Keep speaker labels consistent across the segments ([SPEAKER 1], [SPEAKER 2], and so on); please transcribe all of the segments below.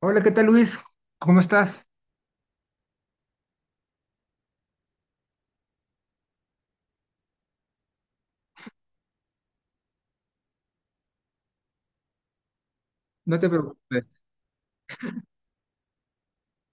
[SPEAKER 1] Hola, ¿qué tal Luis? ¿Cómo estás? No te preocupes.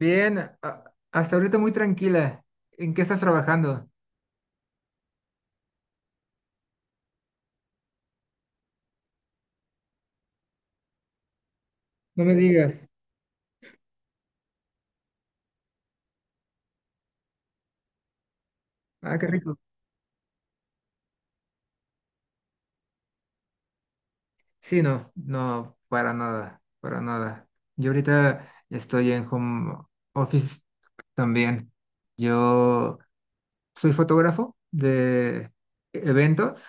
[SPEAKER 1] Bien, hasta ahorita muy tranquila. ¿En qué estás trabajando? No me digas. Ah, qué rico. Sí, no, no, para nada, para nada. Yo ahorita estoy en home office también. Yo soy fotógrafo de eventos,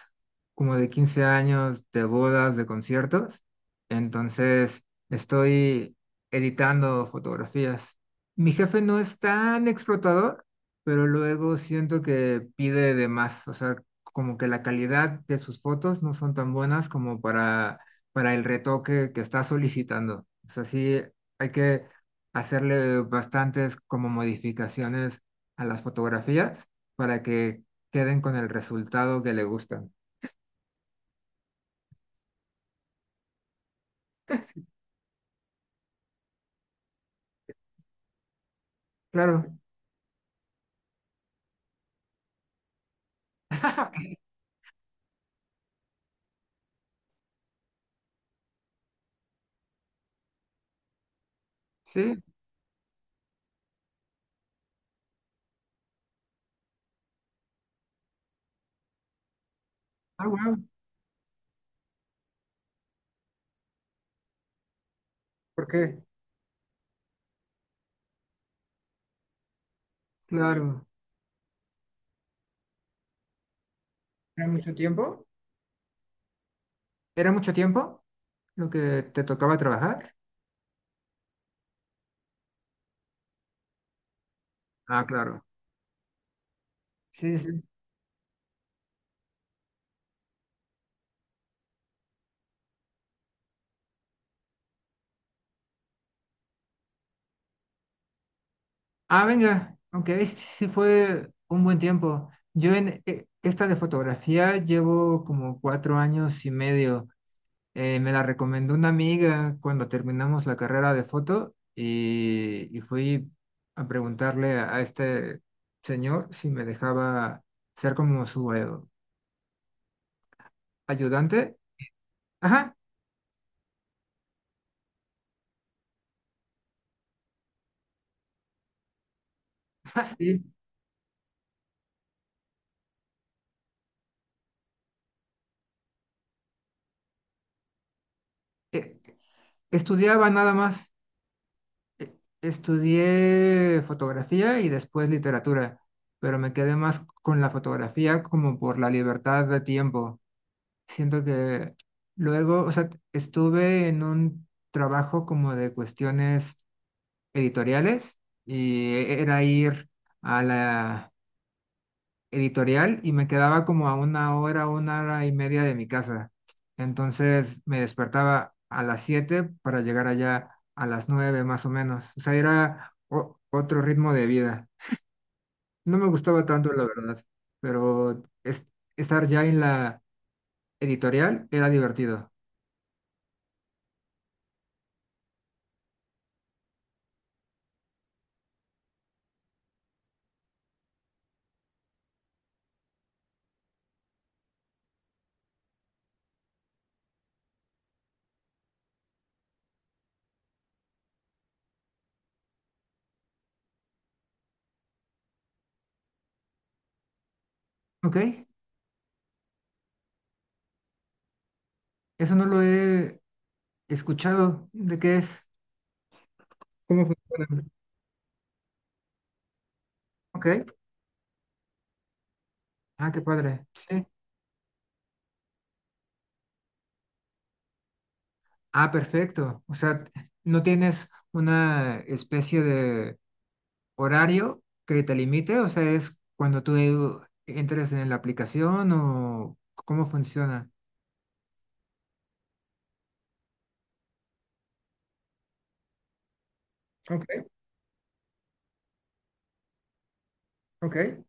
[SPEAKER 1] como de 15 años, de bodas, de conciertos. Entonces, estoy editando fotografías. Mi jefe no es tan explotador, pero luego siento que pide de más. O sea, como que la calidad de sus fotos no son tan buenas como para el retoque que está solicitando. O sea, sí hay que hacerle bastantes como modificaciones a las fotografías para que queden con el resultado que le gustan. Claro, sí. Ah, wow. ¿Por qué? Claro. ¿Era mucho tiempo? ¿Era mucho tiempo lo que te tocaba trabajar? Ah, claro. Sí, sí. Ah, venga, aunque ahí sí fue un buen tiempo. Yo en esta de fotografía llevo como 4 años y medio. Me la recomendó una amiga cuando terminamos la carrera de foto y fui a preguntarle a este señor si me dejaba ser como su ayudante. Ajá, ah, sí. Eh, Estudiaba nada más. Estudié fotografía y después literatura, pero me quedé más con la fotografía como por la libertad de tiempo. Siento que luego, o sea, estuve en un trabajo como de cuestiones editoriales y era ir a la editorial y me quedaba como a 1 hora, 1 hora y media de mi casa. Entonces me despertaba a las 7 para llegar allá a las 9 más o menos. O sea, era otro ritmo de vida. No me gustaba tanto, la verdad, pero estar ya en la editorial era divertido. ¿Ok? Eso no lo he escuchado. ¿De qué es? ¿Cómo funciona? Ok. Ah, qué padre. Sí. Ah, perfecto. O sea, ¿no tienes una especie de horario que te limite? O sea, ¿es cuando tú entres en la aplicación o cómo funciona? Ok, ok.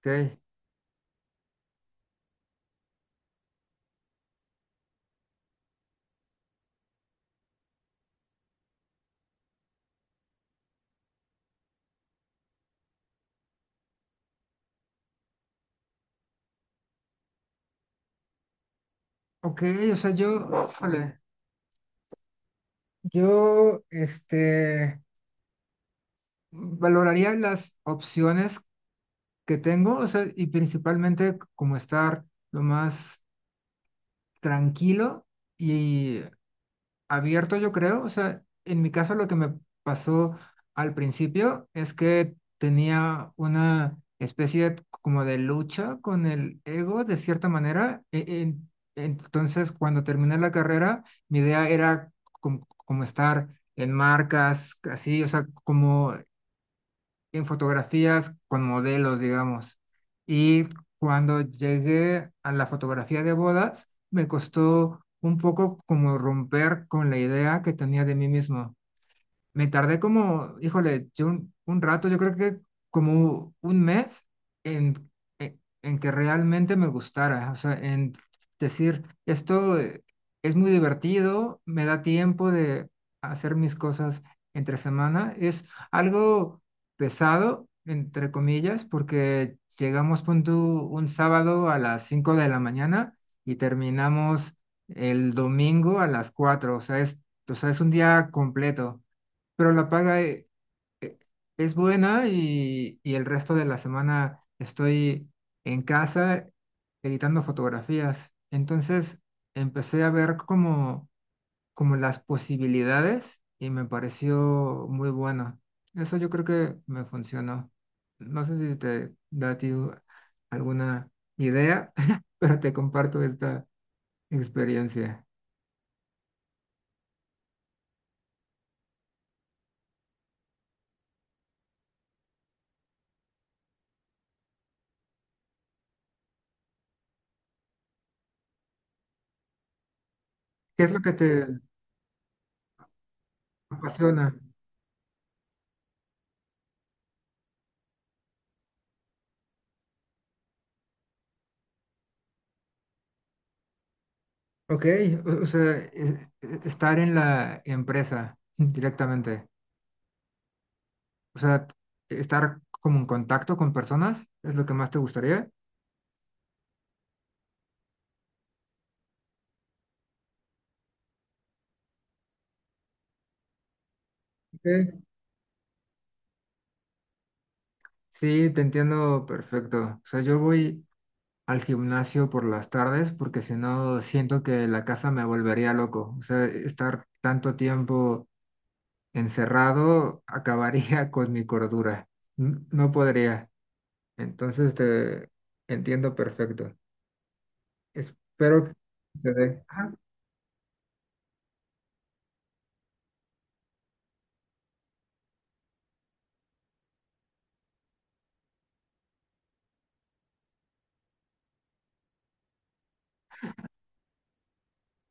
[SPEAKER 1] Ok, ok, o sea, yo, híjole, yo, este, valoraría las opciones que tengo, o sea, y principalmente como estar lo más tranquilo y abierto, yo creo, o sea, en mi caso lo que me pasó al principio es que tenía una especie como de lucha con el ego de cierta manera, entonces cuando terminé la carrera, mi idea era como, estar en marcas, así, o sea, como en fotografías con modelos, digamos. Y cuando llegué a la fotografía de bodas, me costó un poco como romper con la idea que tenía de mí mismo. Me tardé como, híjole, yo un rato, yo creo que como 1 mes en, en que realmente me gustara, o sea, en decir, esto es muy divertido, me da tiempo de hacer mis cosas entre semana, es algo pesado, entre comillas, porque llegamos, pon tú, un sábado a las 5 de la mañana y terminamos el domingo a las 4, o sea, es un día completo pero la paga eh, es buena y el resto de la semana estoy en casa editando fotografías. Entonces empecé a ver como las posibilidades y me pareció muy bueno. Eso yo creo que me funcionó. No sé si te da a ti alguna idea, pero te comparto esta experiencia. ¿Qué es lo que te apasiona? Ok, o sea, estar en la empresa directamente, o sea, estar como en contacto con personas es lo que más te gustaría. Ok, sí, te entiendo perfecto. O sea, yo voy al gimnasio por las tardes porque si no siento que la casa me volvería loco. O sea, estar tanto tiempo encerrado acabaría con mi cordura. No podría. Entonces te entiendo perfecto. Espero que se dé.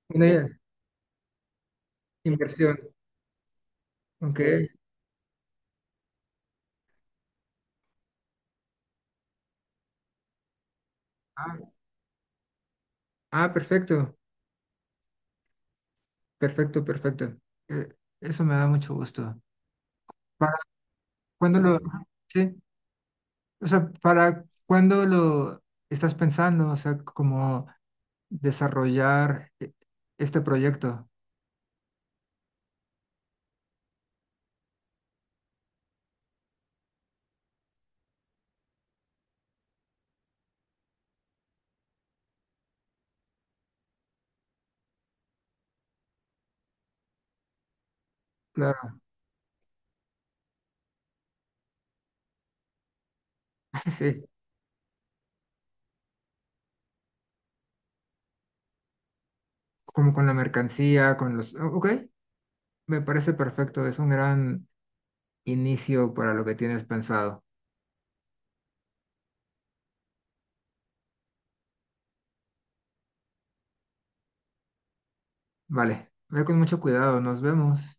[SPEAKER 1] Una inversión, ok. Ah, ah, perfecto, perfecto, perfecto. Eh, Eso me da mucho gusto. ¿Para cuándo lo, sí? O sea, ¿para cuándo lo estás pensando? O sea, como desarrollar este proyecto. Claro, sí, como con la mercancía, con los... Ok, me parece perfecto, es un gran inicio para lo que tienes pensado. Vale, ve con mucho cuidado, nos vemos.